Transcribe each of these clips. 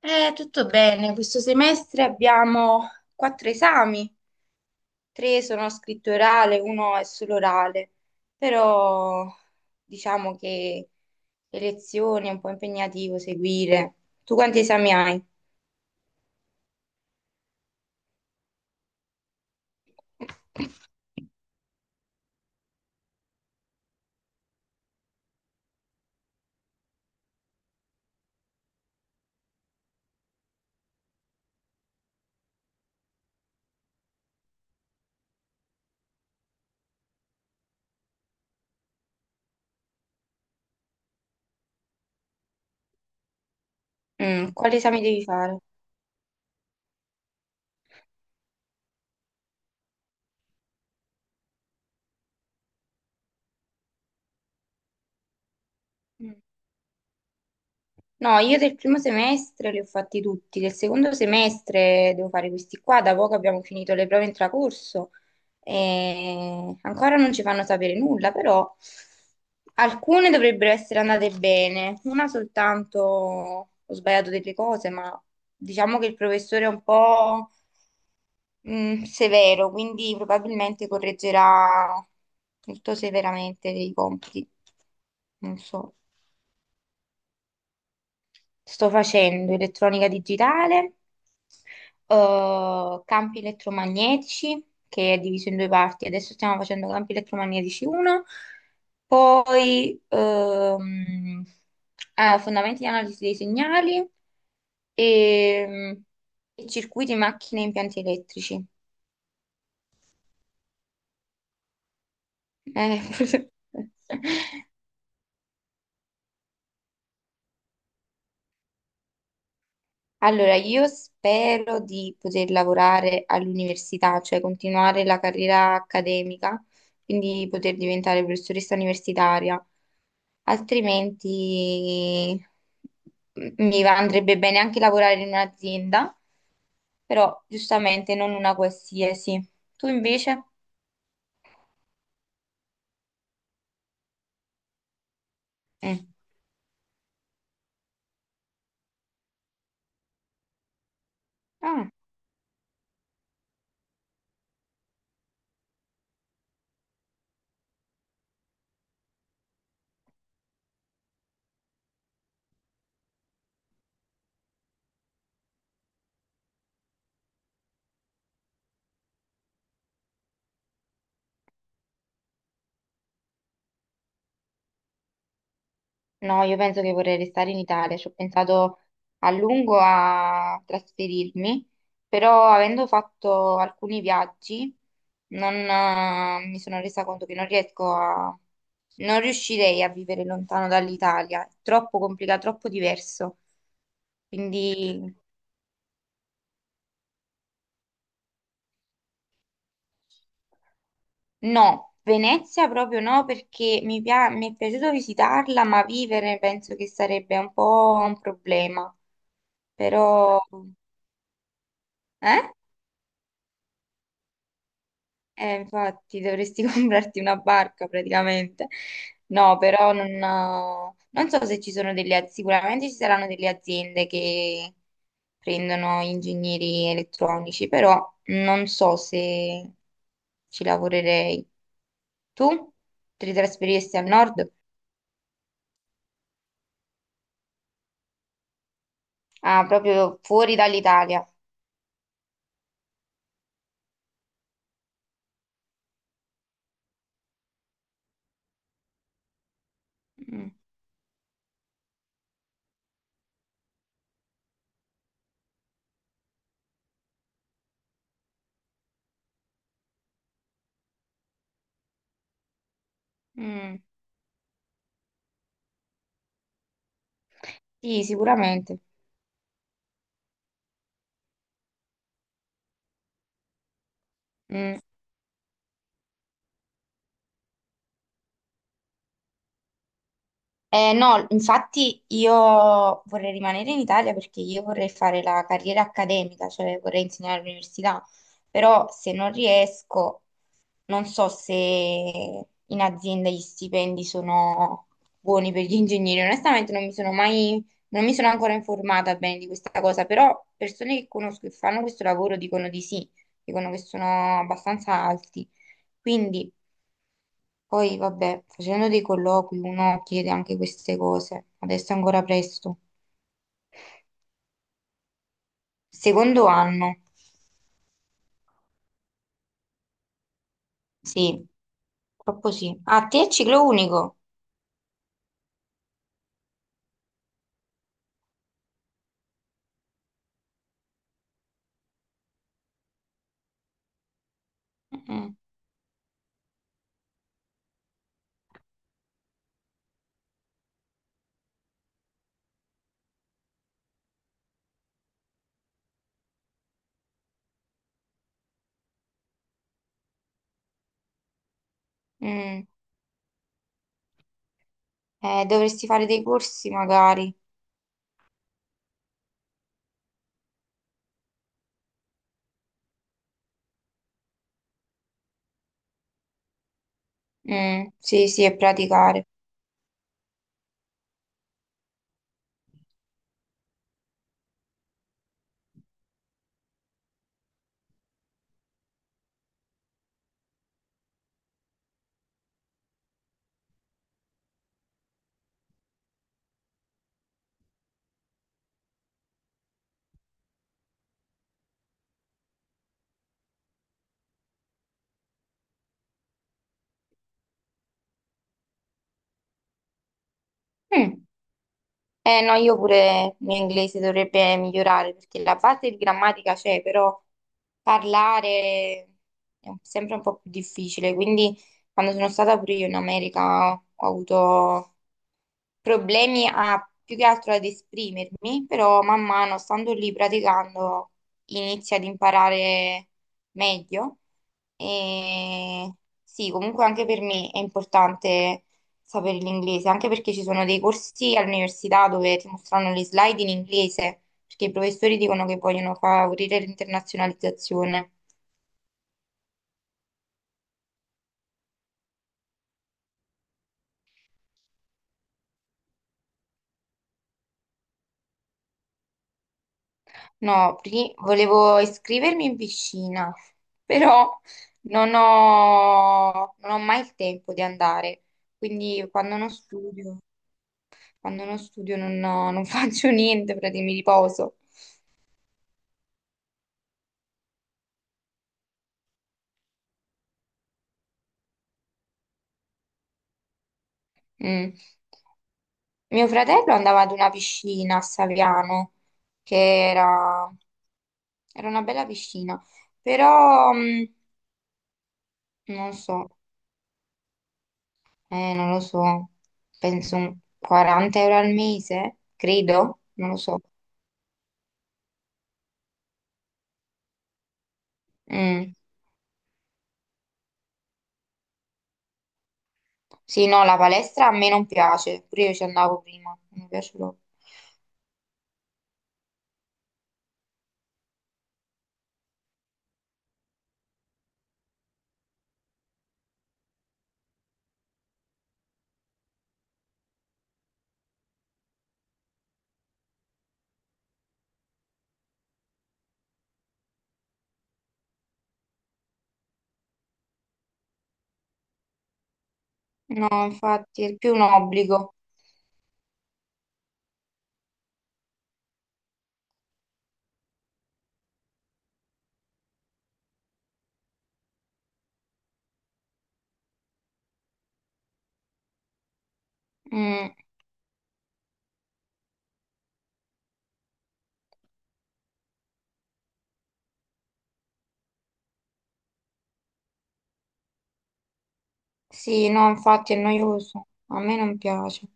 Tutto bene, questo semestre abbiamo quattro esami, tre sono a scritto orale, uno è solo orale, però diciamo che le lezioni è un po' impegnativo seguire. Tu quanti esami hai? Mm, quali esami devi fare? Mm. No, io del primo semestre li ho fatti tutti, del secondo semestre devo fare questi qua, da poco abbiamo finito le prove intracorso e ancora non ci fanno sapere nulla, però alcune dovrebbero essere andate bene, una soltanto ho sbagliato delle cose, ma diciamo che il professore è un po' severo, quindi probabilmente correggerà molto severamente dei compiti, non so. Sto facendo elettronica digitale, campi elettromagnetici, che è diviso in due parti. Adesso stiamo facendo campi elettromagnetici 1, poi fondamenti di analisi dei segnali e, e circuiti, macchine e impianti elettrici. Eh, Allora, io spero di poter lavorare all'università, cioè continuare la carriera accademica, quindi poter diventare professoressa universitaria, altrimenti andrebbe bene anche lavorare in un'azienda, però giustamente non una qualsiasi. Tu invece? Mm. Ah. No, io penso che vorrei restare in Italia, ci ho pensato a lungo a trasferirmi, però avendo fatto alcuni viaggi non, mi sono resa conto che non riesco a... non riuscirei a vivere lontano dall'Italia, è troppo complicato, troppo diverso. Quindi no, Venezia proprio no, perché mi è piaciuto visitarla, ma vivere penso che sarebbe un po' un problema. Però... Eh? Infatti dovresti comprarti una barca praticamente. No, però non, non so se ci sono delle aziende, sicuramente ci saranno delle aziende che prendono ingegneri elettronici, però non so se ci lavorerei. Tu ti trasferiresti al nord? Ah, proprio fuori dall'Italia. Mm, mm, sì, sicuramente. Mm. No, infatti io vorrei rimanere in Italia perché io vorrei fare la carriera accademica, cioè vorrei insegnare all'università, però se non riesco, non so se in azienda gli stipendi sono buoni per gli ingegneri. Onestamente non mi sono mai, non mi sono ancora informata bene di questa cosa, però persone che conosco che fanno questo lavoro dicono di sì, dicono che sono abbastanza alti. Quindi poi, vabbè, facendo dei colloqui uno chiede anche queste cose. Adesso è ancora presto. Secondo anno, sì, proprio sì. Ah, te è ciclo unico? Mm, mm. Dovresti fare dei corsi magari. Mm, sì, sì, e praticare. Mm. Eh no, io pure l'inglese dovrebbe migliorare perché la base di grammatica c'è, però parlare sempre un po' più difficile. Quindi quando sono stata pure io in America ho avuto problemi a, più che altro ad esprimermi, però man mano stando lì praticando inizi ad imparare meglio. E sì, comunque anche per me è importante sapere l'inglese, anche perché ci sono dei corsi all'università dove ti mostrano le slide in inglese, perché i professori dicono che vogliono favorire l'internazionalizzazione. No, pri- Volevo iscrivermi in piscina, però non ho mai il tempo di andare, quindi quando non studio non faccio niente, praticamente mi riposo. Mm. Mio fratello andava ad una piscina a Saviano, che era, era una bella piscina, però non so, non lo so, penso un 40 euro al mese, credo, non lo so. Mm. Sì, no, la palestra a me non piace, pure io ci andavo prima, non mi piace proprio. No, infatti è più un obbligo. Mm, sì, no, infatti è noioso, a me non piace.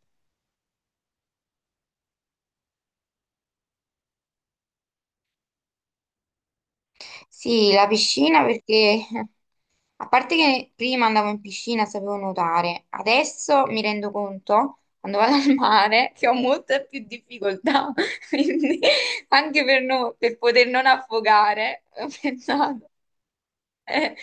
Sì, la piscina perché, a parte che prima andavo in piscina, sapevo nuotare, adesso mi rendo conto, quando vado al mare, che ho molte più difficoltà, quindi anche per, no- per poter non affogare, ho pensato. Eh,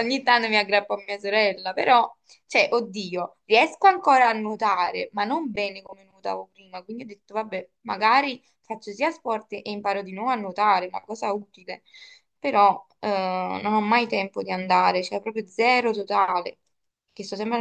ogni tanto mi aggrappo a mia sorella, però, cioè, oddio, riesco ancora a nuotare, ma non bene come nuotavo prima, quindi ho detto, vabbè, magari faccio sia sport e imparo di nuovo a nuotare, una cosa utile, però non ho mai tempo di andare, cioè proprio zero totale, che sto sempre